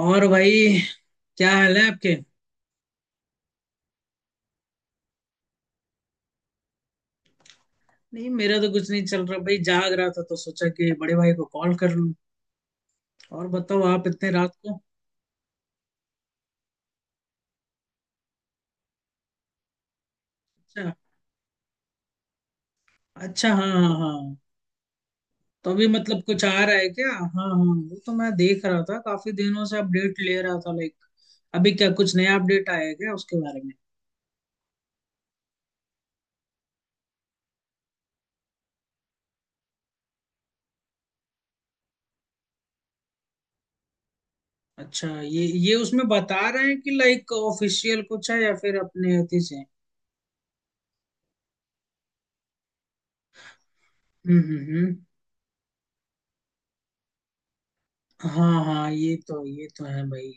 और भाई, क्या हाल है आपके। नहीं, मेरा तो कुछ नहीं चल रहा भाई। जाग रहा था तो सोचा कि बड़े भाई को कॉल कर लूं। और बताओ, आप इतने रात को। अच्छा। अच्छा हाँ हाँ हाँ। तो अभी मतलब कुछ आ रहा है क्या। हाँ हाँ, वो तो मैं देख रहा था, काफी दिनों से अपडेट ले रहा था लाइक। अभी क्या कुछ नया अपडेट आया है क्या उसके बारे में। अच्छा, ये उसमें बता रहे हैं कि लाइक ऑफिशियल कुछ है या फिर अपने अति से। हम्म हम्म हम्म। हाँ हाँ, ये तो है भाई।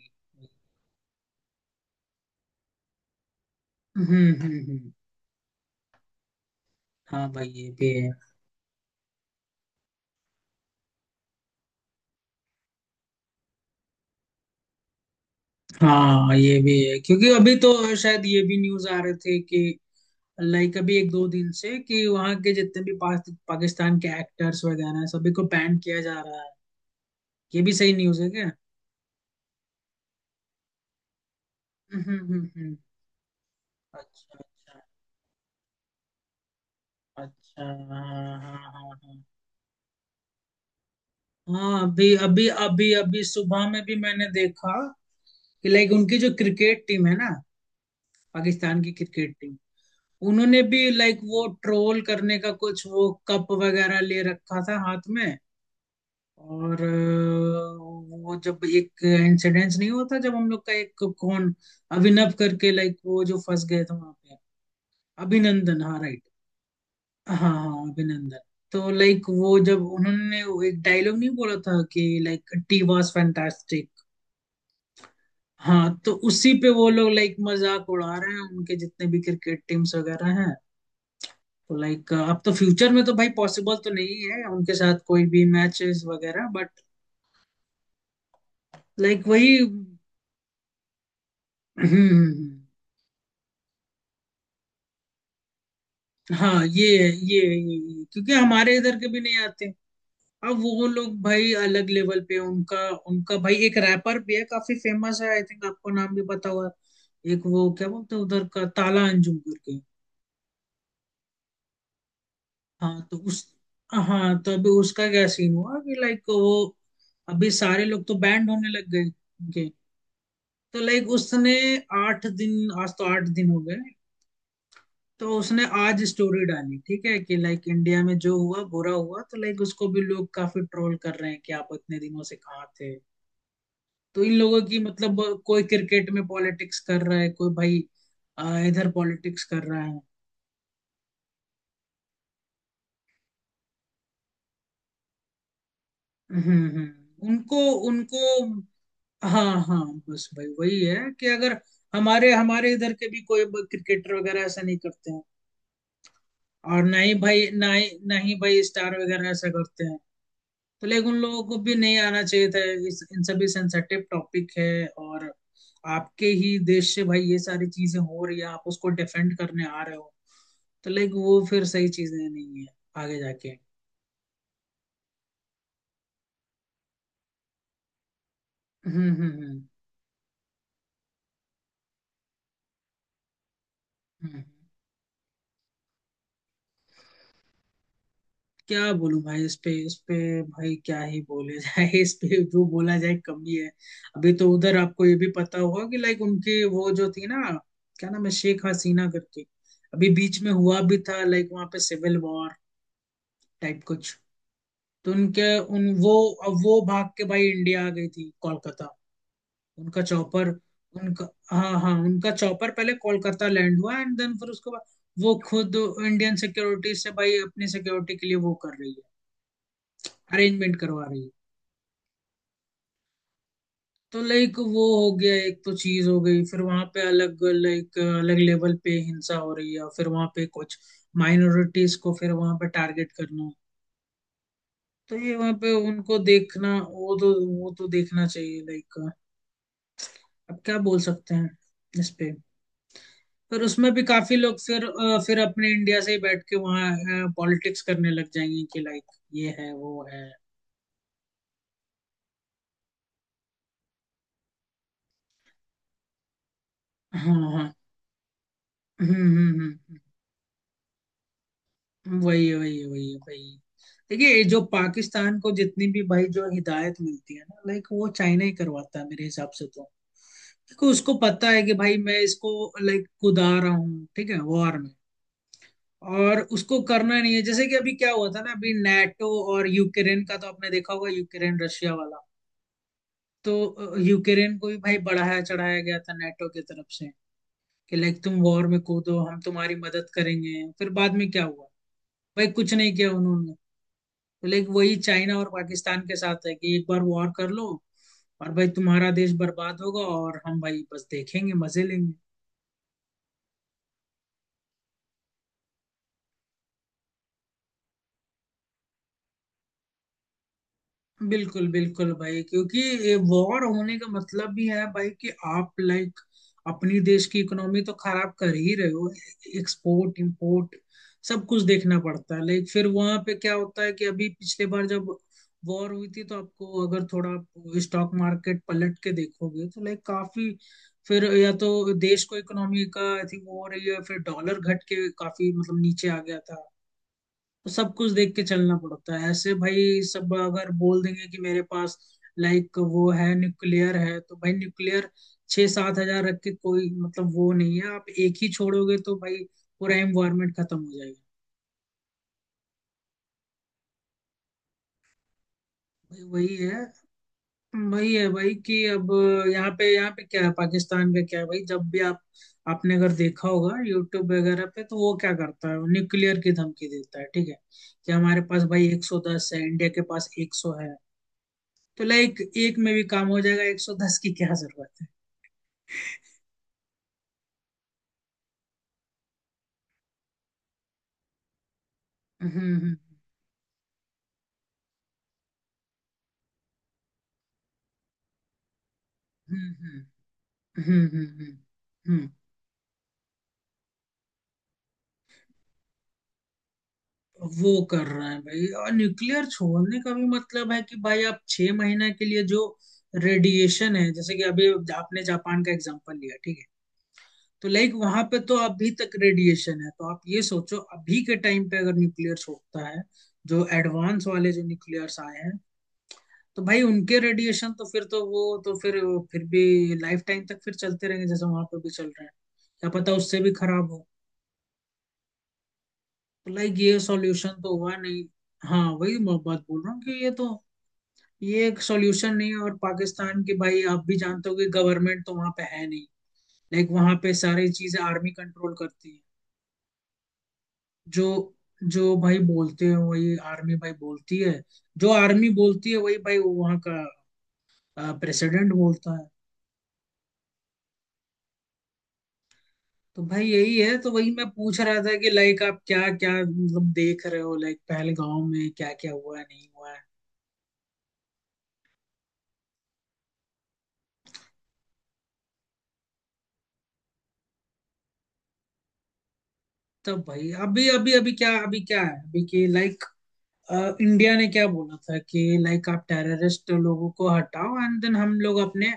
हम्म हम्म। हाँ भाई, ये भी है। हाँ, ये भी है क्योंकि अभी तो शायद ये भी न्यूज आ रहे थे कि लाइक अभी एक दो दिन से कि वहां के जितने भी पाकिस्तान के एक्टर्स वगैरह हैं सभी को बैन किया जा रहा है। ये भी सही न्यूज है क्या। हम्म हम्म हम्म हम्म। अच्छा अच्छा अच्छा। हाँ हाँ हाँ हाँ। हाँ अभी अभी अभी अभी सुबह में भी मैंने देखा कि लाइक उनकी जो क्रिकेट टीम है ना, पाकिस्तान की क्रिकेट टीम, उन्होंने भी लाइक वो ट्रोल करने का कुछ वो कप वगैरह ले रखा था हाथ में। और वो जब एक इंसिडेंस नहीं होता, जब हम लोग का एक कौन, अभिनव करके लाइक वो जो फंस गए थे वहां पे। अभिनंदन, हाँ राइट। हाँ हाँ अभिनंदन। तो लाइक वो जब उन्होंने वो एक डायलॉग नहीं बोला था कि लाइक टी वॉज फैंटास्टिक। हाँ, तो उसी पे वो लोग लाइक मजाक उड़ा रहे हैं, उनके जितने भी क्रिकेट टीम्स वगैरह हैं। तो लाइक अब तो फ्यूचर में तो भाई पॉसिबल तो नहीं है उनके साथ कोई भी मैचेस वगैरह, बट लाइक वही। हम्म। हाँ, ये है ये है ये ये। क्योंकि हमारे इधर के भी नहीं आते। अब वो लोग भाई अलग लेवल पे हैं। उनका, उनका भाई एक रैपर भी है, काफी फेमस है, आई थिंक आपको नाम भी पता होगा। एक वो क्या बोलते हैं उधर का, ताला अंजुम करके। हाँ तो उस हाँ तो अभी उसका क्या सीन हुआ कि लाइक वो अभी सारे लोग तो बैंड होने लग गए। तो लाइक उसने आठ दिन, आज तो आठ दिन हो गए। तो उसने आज स्टोरी डाली, ठीक है, कि लाइक इंडिया में जो हुआ बुरा हुआ, तो लाइक उसको भी लोग काफी ट्रोल कर रहे हैं कि आप इतने दिनों से कहाँ थे। तो इन लोगों की मतलब कोई क्रिकेट में पॉलिटिक्स कर रहा है, कोई भाई इधर पॉलिटिक्स कर रहा है। हम्म। उनको, उनको हाँ हाँ। बस भाई वही है कि अगर हमारे हमारे इधर के भी कोई क्रिकेटर वगैरह ऐसा नहीं करते हैं, और ना ही भाई स्टार वगैरह ऐसा करते हैं। तो लेकिन उन लोगों को भी नहीं आना चाहिए था, इस इन सभी सेंसेटिव टॉपिक है। और आपके ही देश से भाई ये सारी चीजें हो रही है, आप उसको डिफेंड करने आ रहे हो, तो लाइक वो फिर सही चीजें नहीं है आगे जाके। हम्म हम्म हम्म हम्म। क्या बोलूं भाई इस पे, इस पे भाई क्या ही बोले जाए इस पे, जो बोला जाए कमी है। अभी तो उधर आपको ये भी पता होगा कि लाइक उनकी वो जो थी ना, क्या नाम है, शेख हसीना करके। अभी बीच में हुआ भी था लाइक, वहां पे सिविल वॉर टाइप कुछ। तो उनके उन वो, अब वो भाग के भाई इंडिया आ गई थी कोलकाता। उनका चौपर, उनका, हाँ हाँ, उनका चौपर पहले कोलकाता लैंड हुआ एंड देन फिर उसके बाद वो खुद इंडियन सिक्योरिटी से भाई अपनी सिक्योरिटी के लिए वो कर रही है, अरेंजमेंट करवा रही है। तो लाइक वो हो गया, एक तो चीज हो गई। फिर वहां पे अलग लाइक अलग लेवल पे हिंसा हो रही है, फिर वहां पे कुछ माइनॉरिटीज को फिर वहां पे टारगेट करना। तो ये वहां पे उनको देखना, वो तो देखना चाहिए लाइक। अब क्या बोल सकते हैं इस पे। पर उसमें भी काफी लोग फिर फिर अपने इंडिया से ही बैठ के वहाँ पॉलिटिक्स करने लग जाएंगे कि लाइक ये है वो है। हाँ हाँ। हम्म हम्म। हम्म। वही है वही है वही है वही है। देखिए ये जो पाकिस्तान को जितनी भी भाई जो हिदायत मिलती है ना, लाइक वो चाइना ही करवाता है मेरे हिसाब से तो। क्योंकि उसको पता है कि भाई मैं इसको लाइक कुदा रहा हूँ, ठीक है, वॉर में, और उसको करना नहीं है। जैसे कि अभी क्या हुआ था ना, अभी नाटो और यूक्रेन का तो आपने देखा होगा, यूक्रेन रशिया वाला। तो यूक्रेन को भी भाई बढ़ाया चढ़ाया गया था नाटो की तरफ से कि लाइक तुम वॉर में कूदो, हम तुम्हारी मदद करेंगे। फिर बाद में क्या हुआ, भाई कुछ नहीं किया उन्होंने। तो लाइक वही चाइना और पाकिस्तान के साथ है कि एक बार वॉर कर लो, और भाई तुम्हारा देश बर्बाद होगा, और हम भाई बस देखेंगे मजे लेंगे। बिल्कुल बिल्कुल भाई, क्योंकि वॉर होने का मतलब भी है भाई कि आप लाइक अपनी देश की इकोनॉमी तो खराब कर ही रहे हो। एक्सपोर्ट इंपोर्ट सब कुछ देखना पड़ता है। लाइक फिर वहां पे क्या होता है कि अभी पिछले बार जब वॉर हुई थी तो आपको अगर थोड़ा आप स्टॉक मार्केट पलट के देखोगे तो लाइक काफी, फिर या तो देश को इकोनॉमी का आई थिंक वो हो रही है, फिर डॉलर घट के काफी मतलब नीचे आ गया था। तो सब कुछ देख के चलना पड़ता है ऐसे। भाई सब अगर बोल देंगे कि मेरे पास लाइक वो है न्यूक्लियर है, तो भाई न्यूक्लियर छः सात हजार रख के कोई मतलब वो नहीं है। आप एक ही छोड़ोगे तो भाई पूरा एनवायरमेंट खत्म हो जाएगा। भाई वही है, वही है भाई कि अब यहाँ पे क्या है, पाकिस्तान का क्या है भाई। जब भी आप आपने अगर देखा होगा यूट्यूब वगैरह पे, तो वो क्या करता है, न्यूक्लियर की धमकी देता है, ठीक है, कि हमारे पास भाई 110 है, इंडिया के पास 100 है। तो लाइक एक में भी काम हो जाएगा, 110 की क्या जरूरत है। हम्म हम्म हम्म हम्म हम्म। वो कर रहे हैं भाई, और न्यूक्लियर छोड़ने का भी मतलब है कि भाई आप छह महीने के लिए जो रेडिएशन है, जैसे कि अभी आपने जापान का एग्जांपल लिया, ठीक है। तो लाइक वहां पे तो अभी तक रेडिएशन है। तो आप ये सोचो अभी के टाइम पे अगर न्यूक्लियर छोड़ता है, जो एडवांस वाले जो न्यूक्लियर्स आए हैं, तो भाई उनके रेडिएशन तो फिर तो वो तो फिर भी लाइफ टाइम तक फिर चलते रहेंगे, जैसे वहां पर भी चल रहे हैं। क्या पता उससे भी खराब हो। तो लाइक ये सॉल्यूशन तो हुआ नहीं। हाँ वही मैं बात बोल रहा हूँ कि ये तो, ये एक सॉल्यूशन नहीं है। और पाकिस्तान के भाई आप भी जानते हो कि गवर्नमेंट तो वहां पे है नहीं, लाइक वहां पे सारी चीजें आर्मी कंट्रोल करती है। जो जो भाई बोलते हैं वही आर्मी भाई बोलती है, जो आर्मी बोलती है वही भाई वहां का प्रेसिडेंट बोलता है। तो भाई यही है। तो वही मैं पूछ रहा था कि लाइक आप क्या क्या मतलब देख रहे हो, लाइक पहलगांव में क्या क्या हुआ है नहीं हुआ है। तब भाई अभी अभी अभी क्या, अभी क्या है अभी, कि लाइक इंडिया ने क्या बोला था कि लाइक आप टेररिस्ट लोगों को हटाओ एंड देन हम लोग अपने,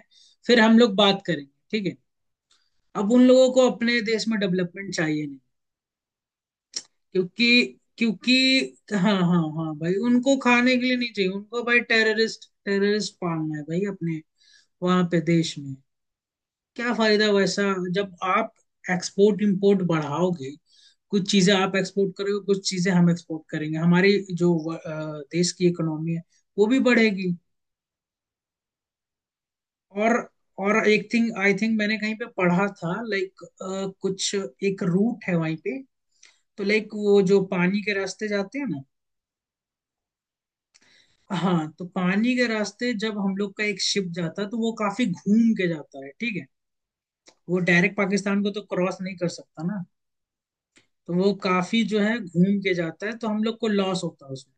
फिर हम लोग बात करेंगे, ठीक है। अब उन लोगों को अपने देश में डेवलपमेंट चाहिए नहीं, क्योंकि क्योंकि हाँ हाँ हाँ भाई, उनको खाने के लिए नहीं चाहिए, उनको भाई टेररिस्ट टेररिस्ट पालना है भाई अपने वहां पे देश में। क्या फायदा वैसा, जब आप एक्सपोर्ट इंपोर्ट बढ़ाओगे, कुछ चीजें आप एक्सपोर्ट करोगे कुछ चीजें हम एक्सपोर्ट करेंगे, हमारी जो देश की इकोनॉमी है वो भी बढ़ेगी। और एक थिंग आई थिंक मैंने कहीं पे पढ़ा था लाइक, कुछ एक रूट है वहीं पे। तो लाइक वो जो पानी के रास्ते जाते हैं ना, हाँ, तो पानी के रास्ते जब हम लोग का एक शिप जाता है तो वो काफी घूम के जाता है, ठीक है, वो डायरेक्ट पाकिस्तान को तो क्रॉस नहीं कर सकता ना। तो वो काफी जो है घूम के जाता है तो हम लोग को लॉस होता है उसमें।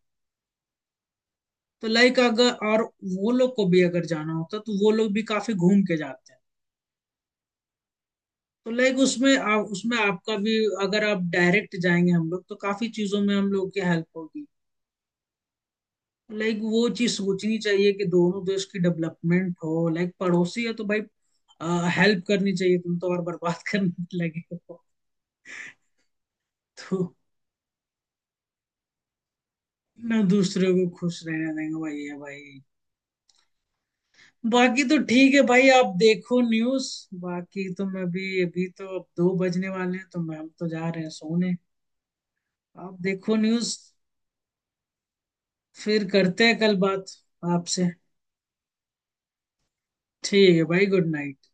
तो लाइक अगर, और वो लोग को भी अगर जाना होता तो वो लोग भी काफी घूम के जाते हैं। तो लाइक उसमें उसमें आपका भी, अगर आप डायरेक्ट जाएंगे हम लोग तो काफी चीजों में हम लोग की हेल्प होगी। लाइक वो चीज सोचनी चाहिए कि दोनों देश की डेवलपमेंट हो, लाइक पड़ोसी है तो भाई हेल्प करनी चाहिए, तुम तो और बर्बाद करने लगे हो। तो ना दूसरे को खुश रहने देंगे भाई, ये भाई। बाकी तो ठीक है भाई, आप देखो न्यूज़। बाकी तो मैं भी अभी तो, अब दो बजने वाले हैं, तो मैं, हम तो जा रहे हैं सोने। आप देखो न्यूज़, फिर करते हैं कल बात आपसे। ठीक है भाई, गुड नाइट।